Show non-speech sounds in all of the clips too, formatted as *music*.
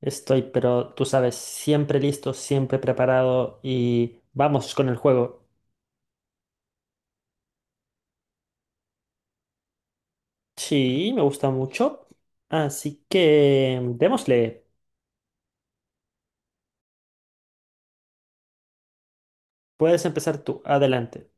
Estoy, pero tú sabes, siempre listo, siempre preparado y vamos con el juego. Sí, me gusta mucho. Así que démosle. Puedes empezar tú. Adelante.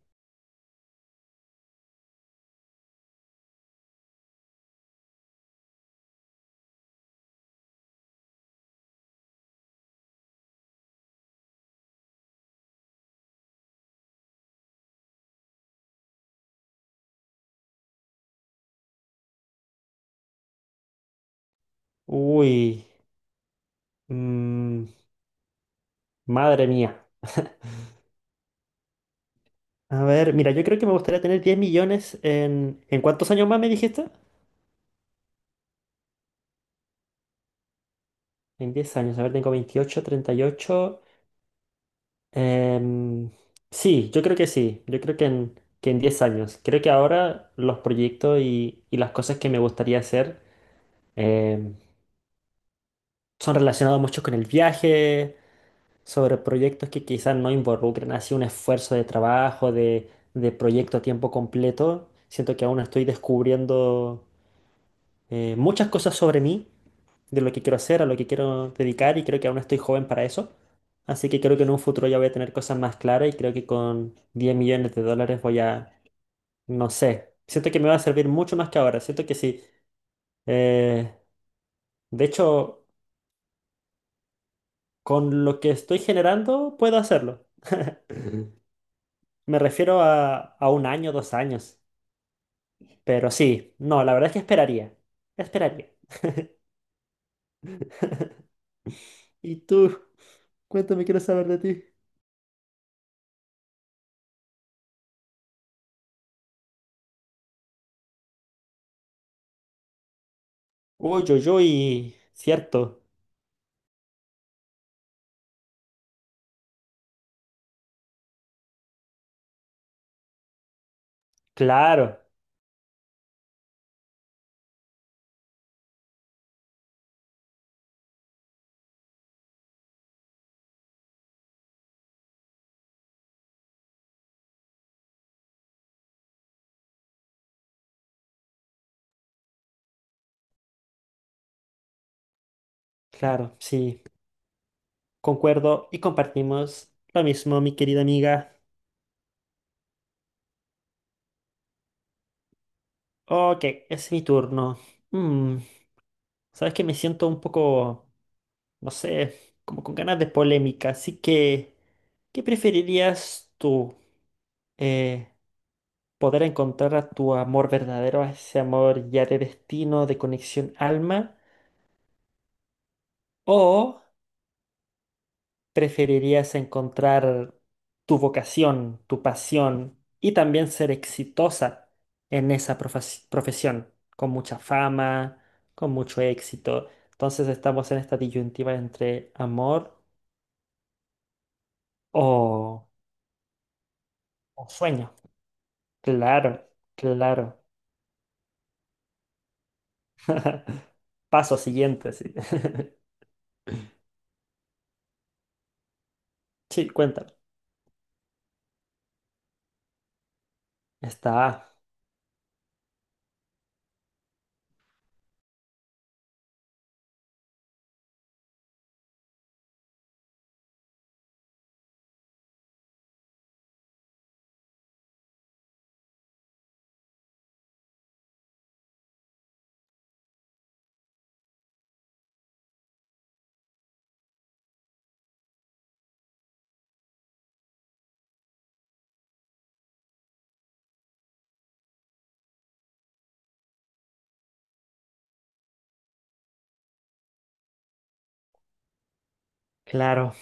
Uy, mm, madre mía. A ver, mira, yo creo que me gustaría tener 10 millones en... ¿En cuántos años más me dijiste? En 10 años. A ver, tengo 28, 38. Em, sí, yo creo que sí. Yo creo que en 10 años. Creo que ahora los proyectos y las cosas que me gustaría hacer em, son relacionados mucho con el viaje, sobre proyectos que quizás no involucren así un esfuerzo de trabajo, de proyecto a tiempo completo. Siento que aún estoy descubriendo, muchas cosas sobre mí, de lo que quiero hacer, a lo que quiero dedicar y creo que aún estoy joven para eso. Así que creo que en un futuro ya voy a tener cosas más claras y creo que con 10 millones de dólares voy a, no sé, siento que me va a servir mucho más que ahora, siento que sí. Eh, de hecho, con lo que estoy generando puedo hacerlo. Ujú. Me refiero a un año, 2 años. Pero sí, no, la verdad es que esperaría. Esperaría. ¿Y tú? Cuéntame, quiero saber de ti. Uy, uy, uy, cierto. Claro, claro, sí, concuerdo y compartimos lo mismo, mi querida amiga. Ok, es mi turno. Mm, sabes que me siento un poco, no sé, como con ganas de polémica, así que, ¿qué preferirías tú? Eh, ¿Poder encontrar a tu amor verdadero, a ese amor ya de destino, de conexión alma? ¿O preferirías encontrar tu vocación, tu pasión y también ser exitosa en esa profesión, con mucha fama, con mucho éxito? Entonces estamos en esta disyuntiva entre amor o, o sueño. Claro, claro. *laughs* Paso siguiente, sí. *laughs* Sí, cuéntame. Está, claro.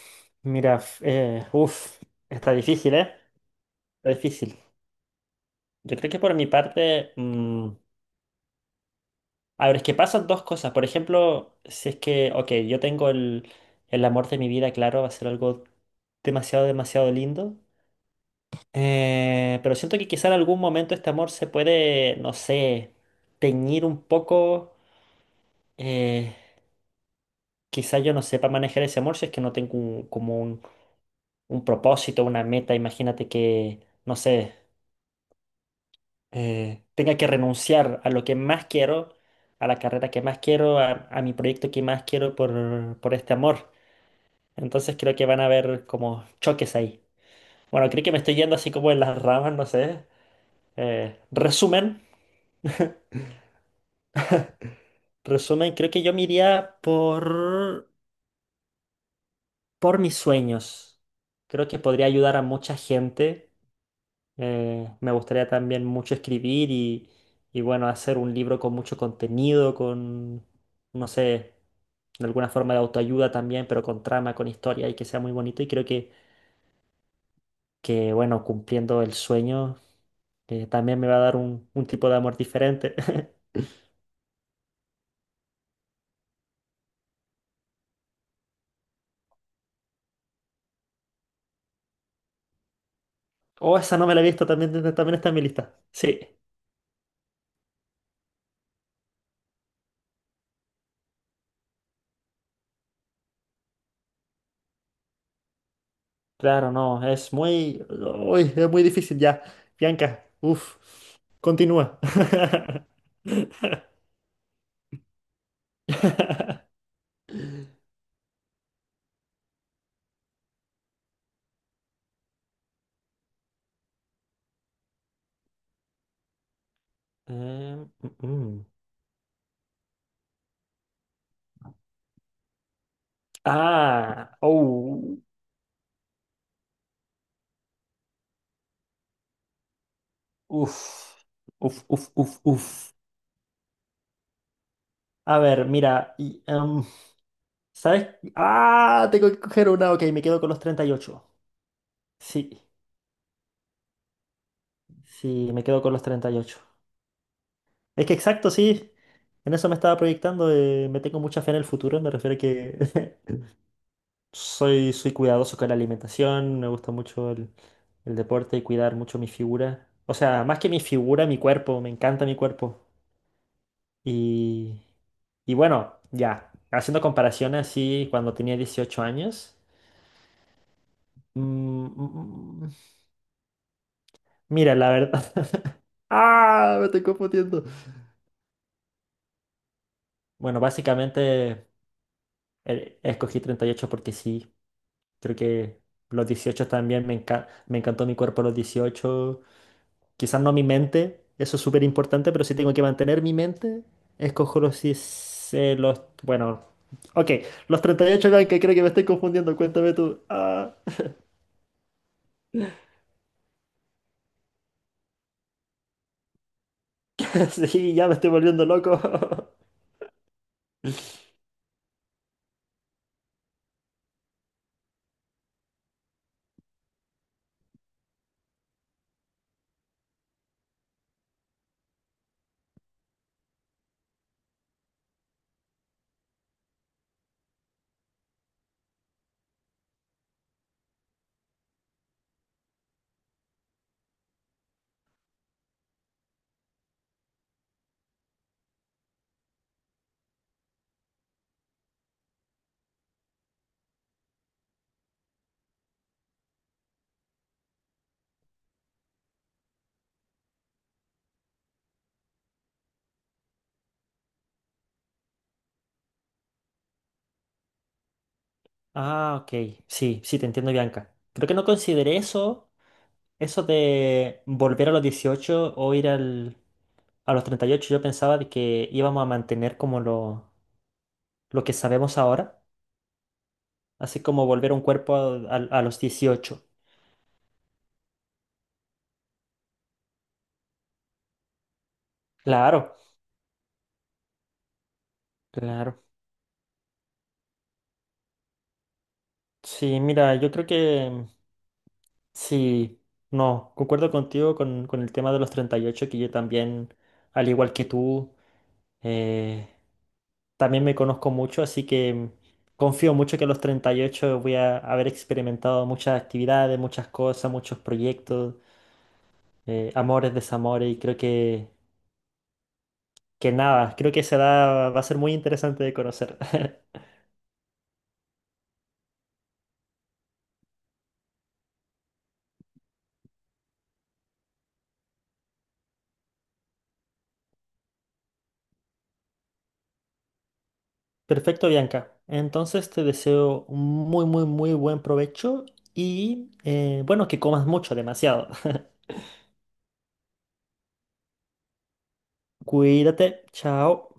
Mira, uff, está difícil, ¿eh? Está difícil. Yo creo que por mi parte, a ver, es que pasan dos cosas. Por ejemplo, si es que, ok, yo tengo el amor de mi vida, claro, va a ser algo demasiado, demasiado lindo. Pero siento que quizá en algún momento este amor se puede, no sé, teñir un poco. eh, quizá yo no sepa manejar ese amor si es que no tengo como un propósito, una meta. Imagínate que, no sé, tenga que renunciar a lo que más quiero, a la carrera que más quiero, a mi proyecto que más quiero por este amor. Entonces creo que van a haber como choques ahí. Bueno, creo que me estoy yendo así como en las ramas, no sé. Eh, resumen, resumen, creo que yo me iría por mis sueños. Creo que podría ayudar a mucha gente. Me gustaría también mucho escribir y bueno, hacer un libro con mucho contenido, con, no sé, de alguna forma de autoayuda también, pero con trama, con historia y que sea muy bonito. Y creo que bueno, cumpliendo el sueño, que también me va a dar un tipo de amor diferente. *laughs* Oh, esa no me la he visto, también, también está en mi lista. Sí, claro, no, es muy... uy, es muy difícil ya. Bianca, uff, continúa. *laughs* Mm, mm. Ah, oh, uff, uff, uff, uff, uff. A ver, mira, y, ¿sabes? Ah, tengo que coger una, ok, me quedo con los 38. Sí, sí, me quedo con los 38. Es que exacto, sí. En eso me estaba proyectando. Me tengo mucha fe en el futuro. Me refiero a que *laughs* soy cuidadoso con la alimentación. Me gusta mucho el deporte y cuidar mucho mi figura. O sea, más que mi figura, mi cuerpo. Me encanta mi cuerpo. Y, y bueno, ya. Haciendo comparaciones así, cuando tenía 18 años. mm, mm, mm, mira, la verdad. *laughs* ¡Ah! Me estoy confundiendo. Bueno, básicamente escogí 38 porque sí. Creo que los 18 también me encantó mi cuerpo a los 18. Quizás no mi mente, eso es súper importante, pero si tengo que mantener mi mente, escojo los, 10, los, bueno, ok, los 38, que creo que me estoy confundiendo, cuéntame tú. Ah, *laughs* sí, ya me estoy volviendo loco. *laughs* Ah, ok. Sí, sí, te entiendo, Bianca. Creo que no consideré eso de volver a los 18 o ir al, a los 38. Yo pensaba de que íbamos a mantener como lo que sabemos ahora, así como volver a un cuerpo a, a los 18. Claro, claro. Sí, mira, yo creo que sí, no, concuerdo contigo con el tema de los 38, que yo también, al igual que tú, eh, también me conozco mucho, así que confío mucho que a los 38 voy a haber experimentado muchas actividades, muchas cosas, muchos proyectos, amores, desamores, y creo que nada, creo que esa edad va a ser muy interesante de conocer. *laughs* Perfecto, Bianca. Entonces te deseo un muy, muy, muy buen provecho y bueno, que comas mucho, demasiado. *laughs* Cuídate, chao.